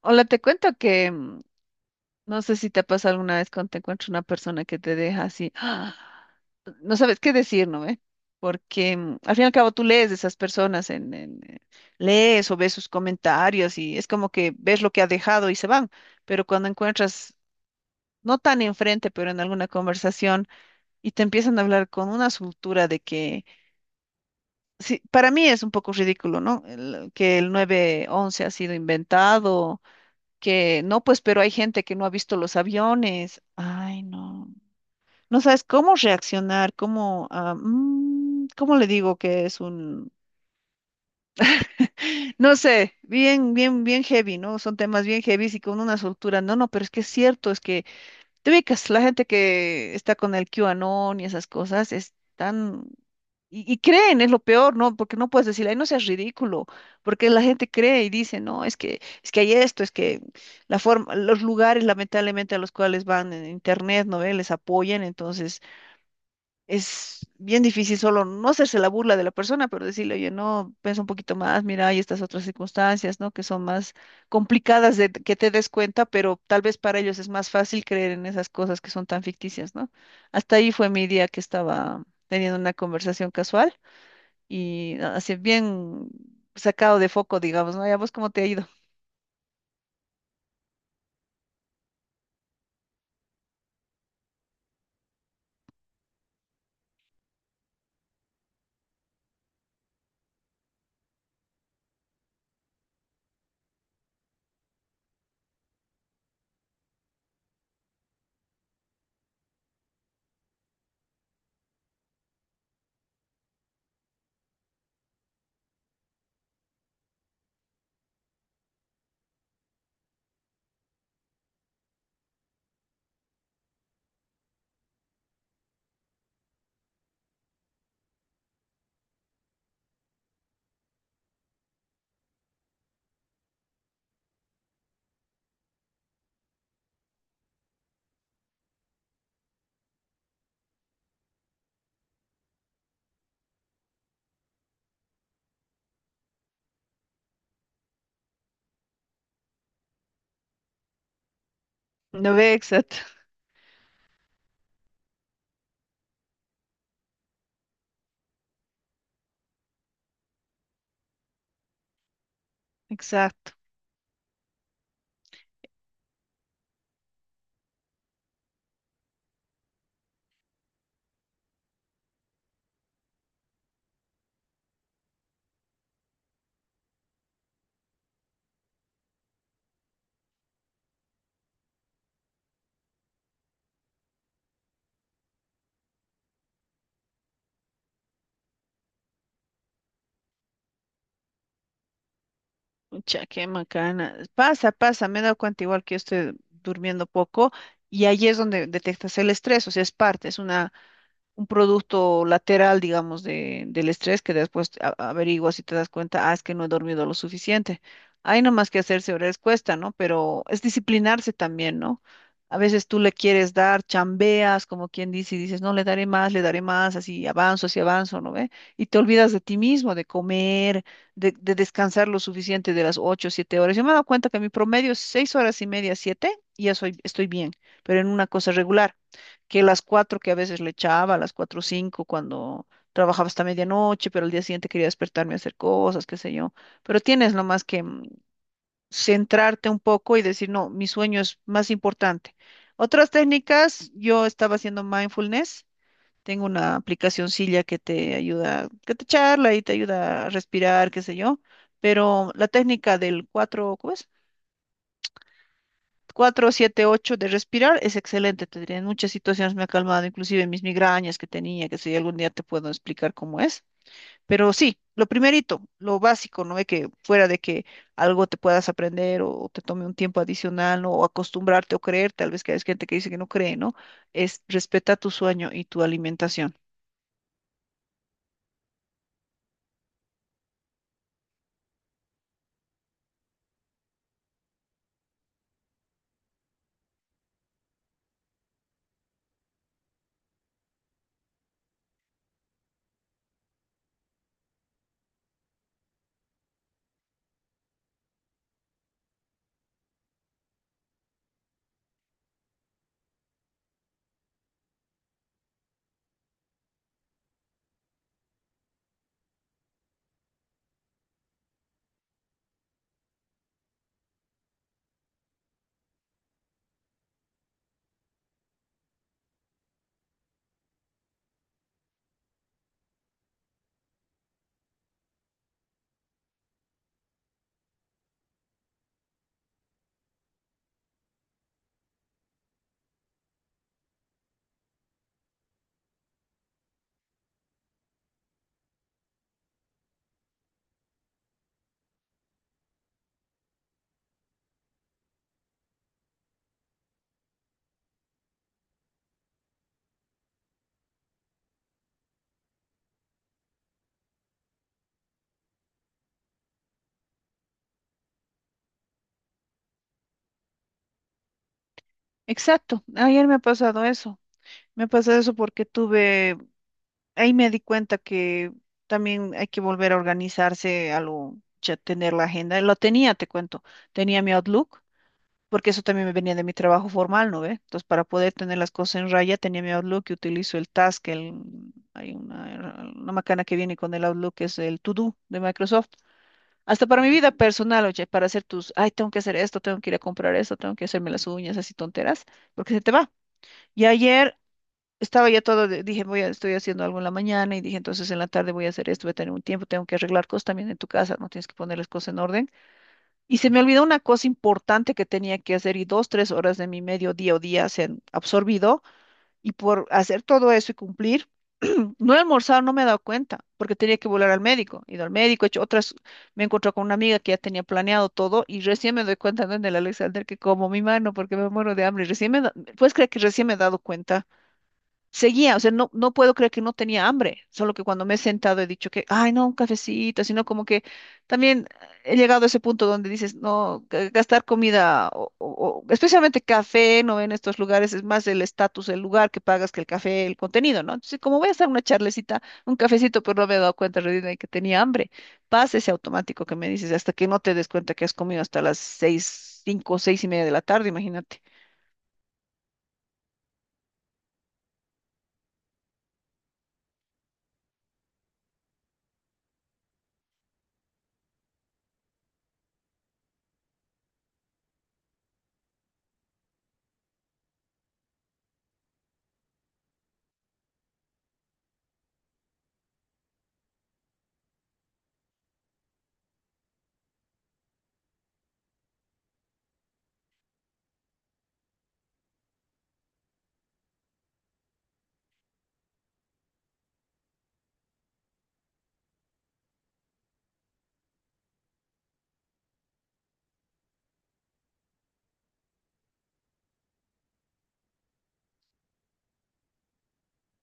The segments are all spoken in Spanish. Hola, te cuento que no sé si te pasa alguna vez cuando te encuentras una persona que te deja así, ¡ah! No sabes qué decir, ¿no ve? Porque al fin y al cabo tú lees de esas personas, lees o ves sus comentarios y es como que ves lo que ha dejado y se van, pero cuando encuentras, no tan enfrente, pero en alguna conversación y te empiezan a hablar con una soltura de que, sí, para mí es un poco ridículo, ¿no? Que el 911 ha sido inventado, que no, pues, pero hay gente que no ha visto los aviones. Ay, no. No sabes cómo reaccionar, cómo le digo que es un, no sé, bien, bien, bien heavy, ¿no? Son temas bien heavy y con una soltura. No, no, pero es que es cierto. Es que te ubicas, la gente que está con el QAnon y esas cosas es tan... Y creen, es lo peor, ¿no? Porque no puedes decirle, ay, no seas ridículo, porque la gente cree y dice, no, es que hay esto, es que la forma, los lugares lamentablemente a los cuales van en internet, ¿no ve? Les apoyan. Entonces es bien difícil solo no hacerse la burla de la persona, pero decirle, oye, no, piensa un poquito más, mira, hay estas otras circunstancias, ¿no? Que son más complicadas de que te des cuenta, pero tal vez para ellos es más fácil creer en esas cosas que son tan ficticias, ¿no? Hasta ahí fue mi día, que estaba teniendo una conversación casual y así bien sacado de foco, digamos, ¿no? ¿Y a vos cómo te ha ido? No ve, exacto, exacto. Mucha, qué macana. Pasa, pasa, me he dado cuenta igual que yo estoy durmiendo poco y ahí es donde detectas el estrés, o sea, es parte, es una un producto lateral, digamos, del estrés que después averiguas y te das cuenta, ah, es que no he dormido lo suficiente. Hay nomás que hacerse horarios, cuesta, ¿no? Pero es disciplinarse también, ¿no? A veces tú le quieres dar, chambeas, como quien dice, y dices, no, le daré más, así avanzo, ¿no ve? Y te olvidas de ti mismo, de comer, de descansar lo suficiente de las 8, 7 horas. Yo me he dado cuenta que mi promedio es 6 horas y media, 7, y ya soy, estoy bien, pero en una cosa regular, que las cuatro que a veces le echaba, a las cuatro o cinco, cuando trabajaba hasta medianoche, pero al día siguiente quería despertarme a hacer cosas, qué sé yo. Pero tienes nomás que centrarte un poco y decir, no, mi sueño es más importante. Otras técnicas, yo estaba haciendo mindfulness. Tengo una aplicacioncilla que te ayuda, que te charla y te ayuda a respirar, qué sé yo. Pero la técnica del cuatro, ¿cómo es? 4-7-8 de respirar es excelente, te diré. En muchas situaciones me ha calmado, inclusive mis migrañas que tenía, que si algún día te puedo explicar cómo es. Pero sí, lo primerito, lo básico, no es que, fuera de que algo te puedas aprender o te tome un tiempo adicional, ¿no? O acostumbrarte o creer, tal vez, que hay gente que dice que no cree, ¿no? Es: respeta tu sueño y tu alimentación. Exacto, ayer me ha pasado eso. Me ha pasado eso porque tuve, ahí me di cuenta que también hay que volver a organizarse, ya tener la agenda. Lo tenía, te cuento, tenía mi Outlook, porque eso también me venía de mi trabajo formal, ¿no ve? Entonces, para poder tener las cosas en raya, tenía mi Outlook y utilizo el Task, el, hay una macana que viene con el Outlook, que es el To Do de Microsoft. Hasta para mi vida personal, oye, para hacer tus, ay, tengo que hacer esto, tengo que ir a comprar esto, tengo que hacerme las uñas, así tonteras, porque se te va. Y ayer estaba ya todo, dije, voy a, estoy haciendo algo en la mañana y dije, entonces en la tarde voy a hacer esto, voy a tener un tiempo, tengo que arreglar cosas también en tu casa, no tienes que poner las cosas en orden. Y se me olvidó una cosa importante que tenía que hacer y 2, 3 horas de mi medio día o día se han absorbido y por hacer todo eso y cumplir, no he almorzado, no me he dado cuenta porque tenía que volar al médico, he ido al médico, he hecho otras, me he encontrado con una amiga que ya tenía planeado todo y recién me doy cuenta, ¿no? En el Alexander, que como mi mano porque me muero de hambre, y recién ¿puedes creer que recién me he dado cuenta? Seguía, o sea, no, no puedo creer que no tenía hambre, solo que cuando me he sentado he dicho que, ay, no, un cafecito, sino como que también he llegado a ese punto donde dices, no, gastar comida, especialmente café, no en estos lugares, es más el estatus, el lugar que pagas que el café, el contenido, ¿no? Entonces, como voy a hacer una charlecita, un cafecito, pero no me he dado cuenta en realidad de que tenía hambre. Pasa ese automático que me dices, hasta que no te des cuenta que has comido hasta las seis, cinco, seis y media de la tarde, imagínate.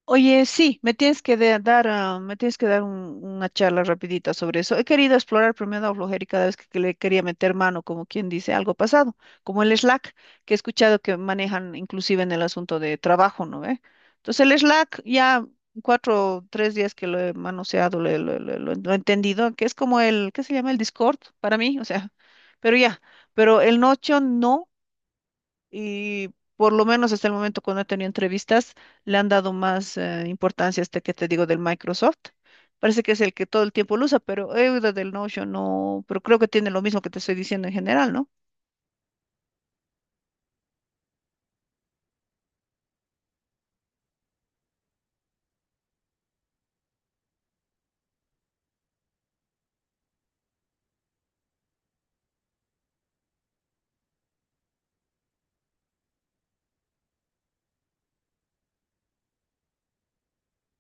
Oye, sí, me tienes que dar una charla rapidita sobre eso. He querido explorar, pero me ha dado flojera y cada vez que le quería meter mano, como quien dice, algo pasado, como el Slack, que he escuchado que manejan inclusive en el asunto de trabajo, ¿no ve? Entonces, el Slack, ya 4, 3 días que lo he manoseado, lo he entendido, que es como el, ¿qué se llama? El Discord, para mí, o sea, pero ya, pero el Notion no, y por lo menos hasta el momento cuando he tenido entrevistas, le han dado más importancia a este que te digo, del Microsoft. Parece que es el que todo el tiempo lo usa, pero he oído del Notion, no, pero creo que tiene lo mismo que te estoy diciendo en general, ¿no?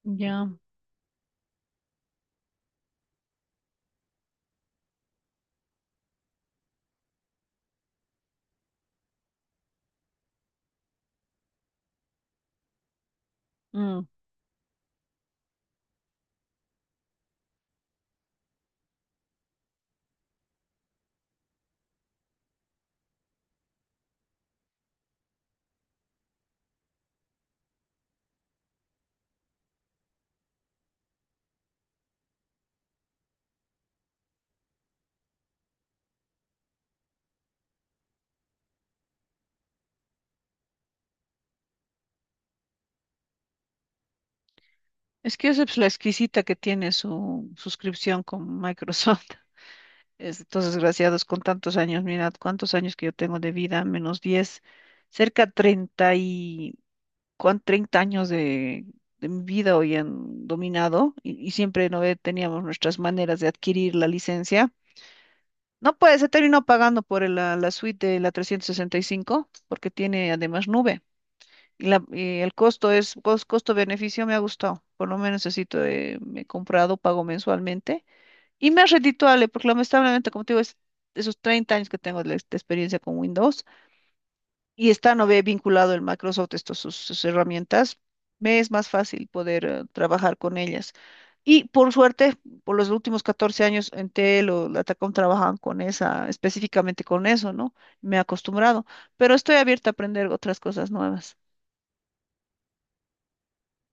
Ya. Mm. Es que esa es la exquisita que tiene su suscripción con Microsoft. Estos desgraciados con tantos años, mirad cuántos años que yo tengo de vida, menos 10, cerca 30 y... Con 30 años de mi vida hoy han dominado, y siempre no ve- teníamos nuestras maneras de adquirir la licencia. No puede, se terminó pagando por la suite de la 365 porque tiene además nube. Y el costo es, costo-beneficio, me ha gustado. Por lo menos así me he comprado, pago mensualmente. Y me es redituable porque lamentablemente, como te digo, es de esos 30 años que tengo de, la de experiencia con Windows, y está no ve vinculado el Microsoft, estas sus herramientas, me es más fácil poder trabajar con ellas. Y por suerte, por los últimos 14 años en Tel o la Atacom trabajaban con esa, específicamente con eso, ¿no? Me he acostumbrado, pero estoy abierta a aprender otras cosas nuevas.